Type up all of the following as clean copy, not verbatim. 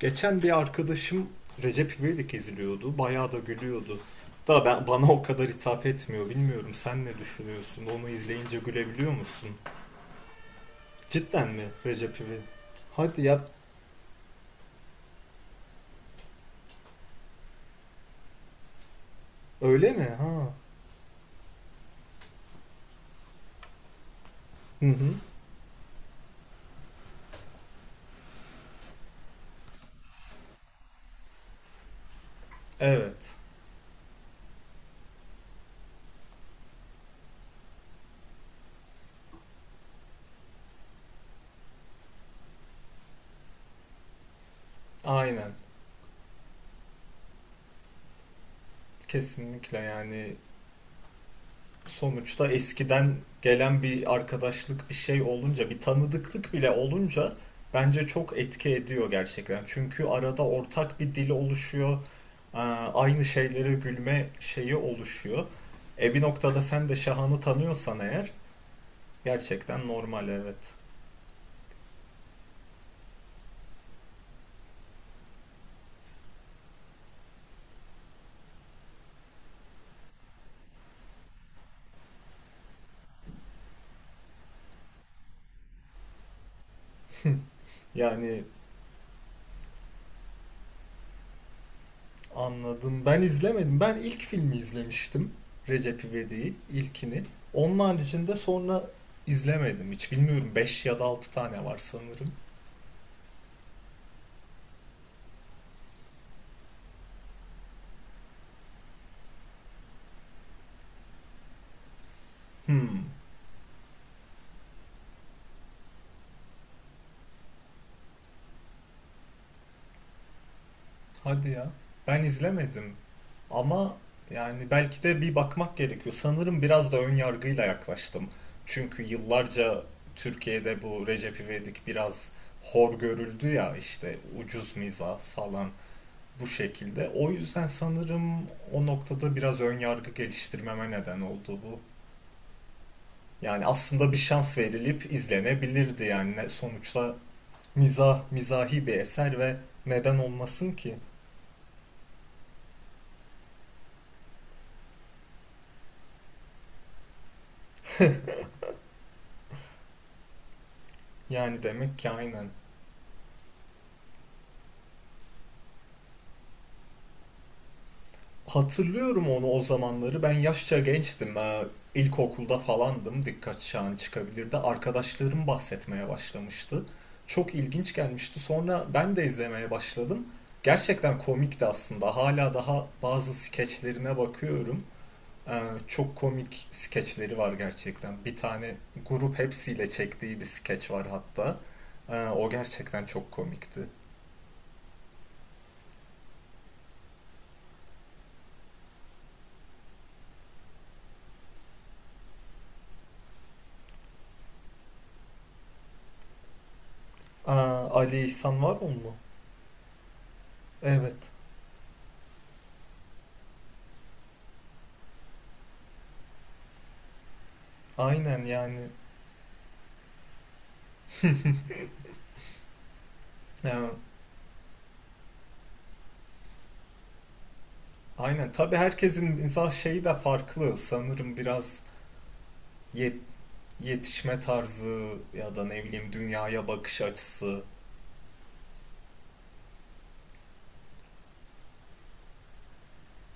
Geçen bir arkadaşım Recep İvedik izliyordu. Bayağı da gülüyordu. Da ben, bana o kadar hitap etmiyor. Bilmiyorum sen ne düşünüyorsun? Onu izleyince gülebiliyor musun? Cidden mi Recep İvedik? Hadi yap. Öyle mi? Ha. Hı hı. Evet. Aynen. Kesinlikle yani sonuçta eskiden gelen bir arkadaşlık bir şey olunca bir tanıdıklık bile olunca bence çok etki ediyor gerçekten. Çünkü arada ortak bir dil oluşuyor. Ee, Aynı şeylere gülme şeyi oluşuyor. Bir noktada sen de Şahan'ı tanıyorsan eğer gerçekten normal evet. Yani anladım. Ben izlemedim. Ben ilk filmi izlemiştim. Recep İvedik'i ilkini. Onun haricinde sonra izlemedim hiç. Bilmiyorum 5 ya da 6 tane var sanırım. Hmm. Hadi ya. Ben izlemedim ama yani belki de bir bakmak gerekiyor. Sanırım biraz da ön yargıyla yaklaştım. Çünkü yıllarca Türkiye'de bu Recep İvedik biraz hor görüldü ya işte ucuz mizah falan bu şekilde. O yüzden sanırım o noktada biraz ön yargı geliştirmeme neden oldu bu. Yani aslında bir şans verilip izlenebilirdi yani sonuçta mizahi bir eser ve neden olmasın ki? Yani demek ki aynen. Hatırlıyorum onu o zamanları. Ben yaşça gençtim. İlkokulda falandım. Dikkat çağın çıkabilirdi. Arkadaşlarım bahsetmeye başlamıştı. Çok ilginç gelmişti. Sonra ben de izlemeye başladım. Gerçekten komikti aslında. Hala daha bazı skeçlerine bakıyorum. Ee, çok komik skeçleri var gerçekten. Bir tane grup hepsiyle çektiği bir skeç var hatta. O gerçekten çok komikti. Aa, Ali İhsan var o mu? Evet. Aynen yani. Ee, Aynen. Tabii herkesin mizah şeyi de farklı. Sanırım biraz yet- yetişme tarzı ya da ne bileyim dünyaya bakış açısı.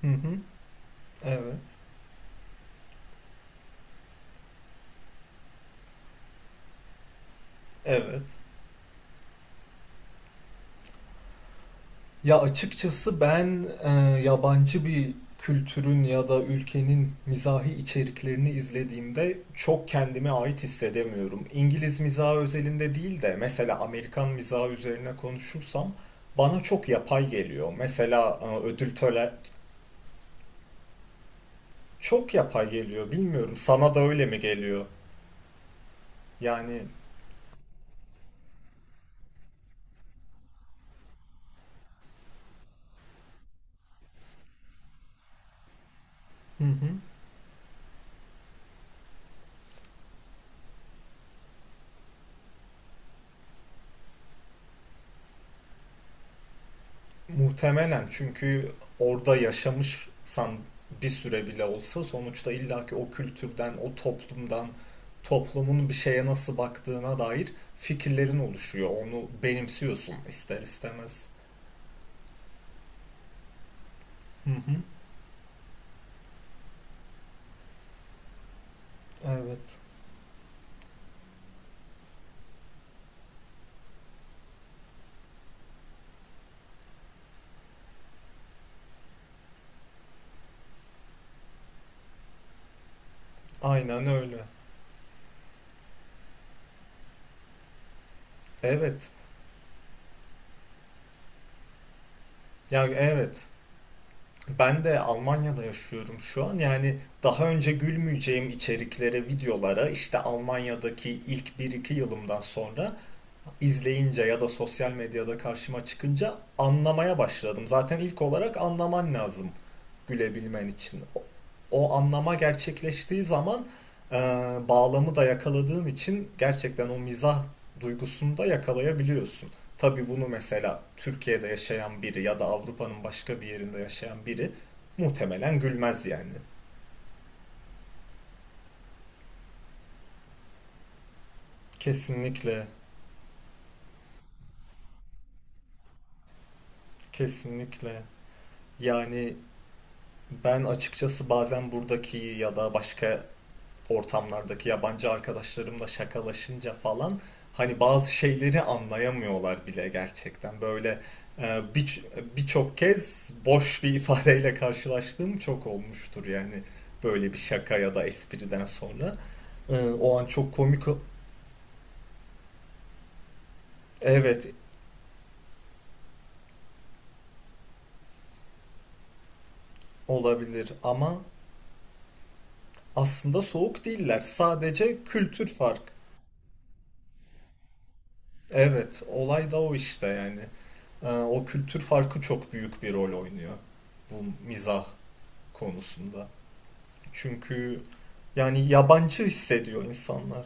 Hı hı. Evet. Evet. Ya açıkçası ben yabancı bir kültürün ya da ülkenin mizahi içeriklerini izlediğimde çok kendime ait hissedemiyorum. İngiliz mizahı özelinde değil de mesela Amerikan mizahı üzerine konuşursam bana çok yapay geliyor. Mesela ödül töre-. Çok yapay geliyor. Bilmiyorum sana da öyle mi geliyor? Yani. Hı hı. Muhtemelen çünkü orada yaşamışsan bir süre bile olsa sonuçta illaki o kültürden, o toplumdan, toplumun bir şeye nasıl baktığına dair fikirlerin oluşuyor. Onu benimsiyorsun ister istemez. Hı hı. Evet. Aynen öyle. Evet. Yani evet. Ben de Almanya'da yaşıyorum şu an. Yani daha önce gülmeyeceğim içeriklere, videolara işte Almanya'daki ilk bir iki yılımdan sonra izleyince ya da sosyal medyada karşıma çıkınca anlamaya başladım. Zaten ilk olarak anlaman lazım gülebilmen için. O anlama gerçekleştiği zaman e, bağlamı da yakaladığın için gerçekten o mizah duygusunu da yakalayabiliyorsun. Tabii bunu mesela Türkiye'de yaşayan biri ya da Avrupa'nın başka bir yerinde yaşayan biri muhtemelen gülmez yani. Kesinlikle, kesinlikle. Yani ben açıkçası bazen buradaki ya da başka ortamlardaki yabancı arkadaşlarımla şakalaşınca falan hani bazı şeyleri anlayamıyorlar bile gerçekten. Böyle e, bir birçok kez boş bir ifadeyle karşılaştığım çok olmuştur yani böyle bir şaka ya da espriden sonra. O an çok komik. Evet, olabilir ama aslında soğuk değiller. Sadece kültür fark. Evet, olay da o işte yani. O kültür farkı çok büyük bir rol oynuyor bu mizah konusunda. Çünkü yani yabancı hissediyor insanlar.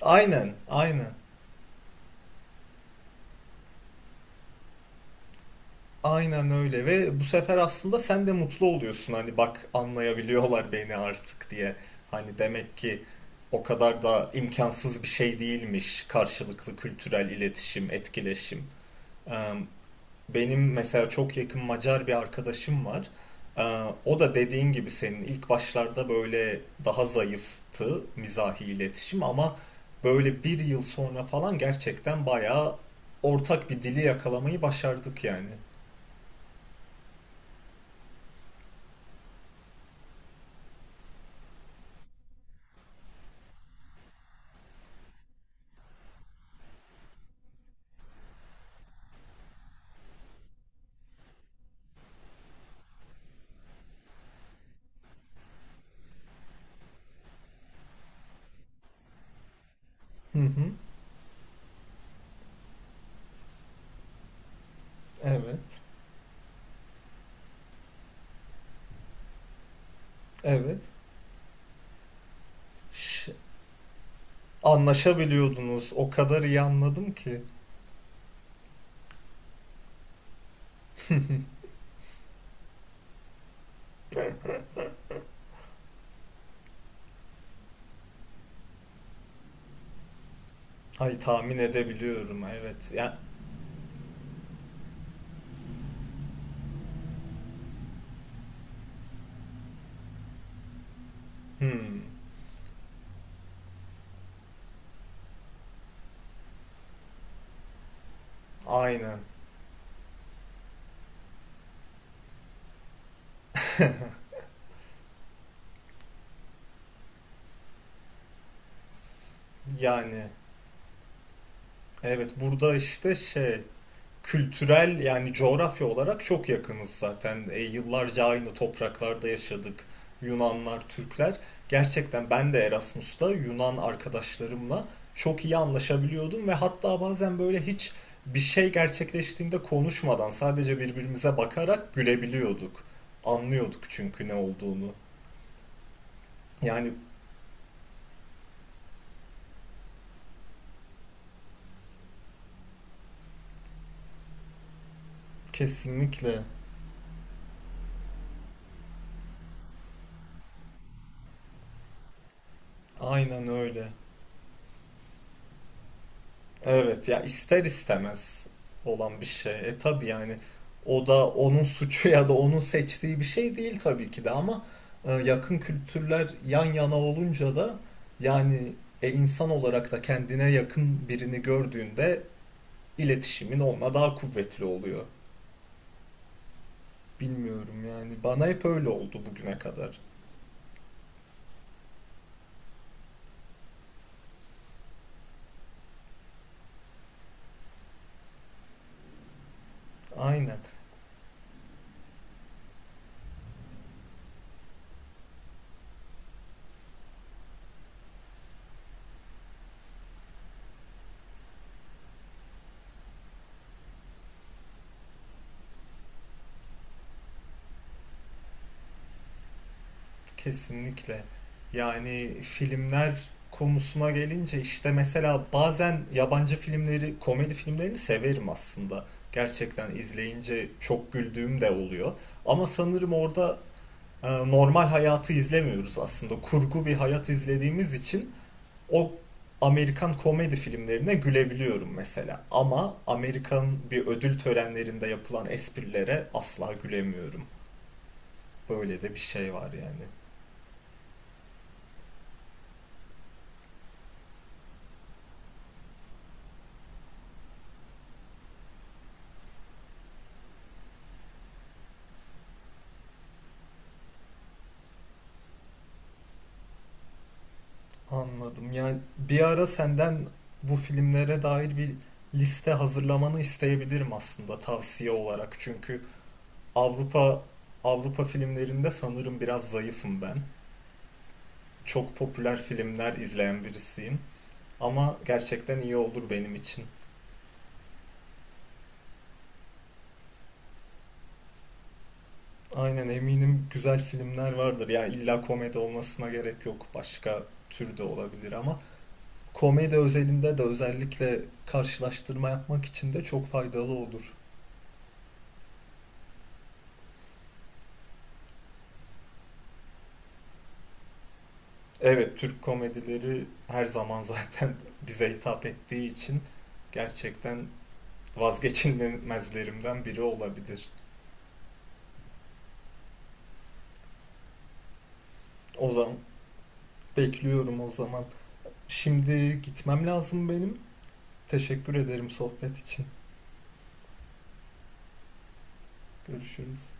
Aynen, aynen. Aynen öyle ve bu sefer aslında sen de mutlu oluyorsun hani bak anlayabiliyorlar beni artık diye. Hani demek ki o kadar da imkansız bir şey değilmiş karşılıklı kültürel iletişim, etkileşim. Eee, Benim mesela çok yakın Macar bir arkadaşım var. O da dediğin gibi senin ilk başlarda böyle daha zayıftı mizahi iletişim ama böyle bir yıl sonra falan gerçekten bayağı ortak bir dili yakalamayı başardık yani. Hı hı. Evet. Evet. Ş- Anlaşabiliyordunuz. O kadar iyi anladım ki. Ay tahmin edebiliyorum. Evet. Ya, hmm. Aynen. Yani evet burada işte şey kültürel yani coğrafya olarak çok yakınız zaten. Yıllarca aynı topraklarda yaşadık. Yunanlar, Türkler. Gerçekten ben de Erasmus'ta Yunan arkadaşlarımla çok iyi anlaşabiliyordum ve hatta bazen böyle hiç bir şey gerçekleştiğinde konuşmadan sadece birbirimize bakarak gülebiliyorduk. Anlıyorduk çünkü ne olduğunu. Yani kesinlikle aynen öyle. Evet ya ister istemez olan bir şey. Tabii yani o da onun suçu ya da onun seçtiği bir şey değil tabii ki de ama yakın kültürler yan yana olunca da yani insan olarak da kendine yakın birini gördüğünde iletişimin onunla daha kuvvetli oluyor. Bilmiyorum yani bana hep öyle oldu bugüne kadar. Aynen. Kesinlikle. Yani filmler konusuna gelince işte mesela bazen yabancı filmleri, komedi filmlerini severim aslında. Gerçekten izleyince çok güldüğüm de oluyor. Ama sanırım orada normal hayatı izlemiyoruz aslında. Kurgu bir hayat izlediğimiz için o Amerikan komedi filmlerine gülebiliyorum mesela. Ama Amerikan bir ödül törenlerinde yapılan esprilere asla gülemiyorum. Böyle de bir şey var yani. Anladım. Yani bir ara senden bu filmlere dair bir liste hazırlamanı isteyebilirim aslında tavsiye olarak. Çünkü Avrupa Avrupa filmlerinde sanırım biraz zayıfım ben. Çok popüler filmler izleyen birisiyim. Ama gerçekten iyi olur benim için. Aynen eminim güzel filmler vardır. Yani illa komedi olmasına gerek yok. Başka tür de olabilir ama komedi özelinde de özellikle karşılaştırma yapmak için de çok faydalı olur. Evet, Türk komedileri her zaman zaten bize hitap ettiği için gerçekten vazgeçilmezlerimden biri olabilir. O zaman bekliyorum o zaman. Şimdi gitmem lazım benim. Teşekkür ederim sohbet için. Görüşürüz.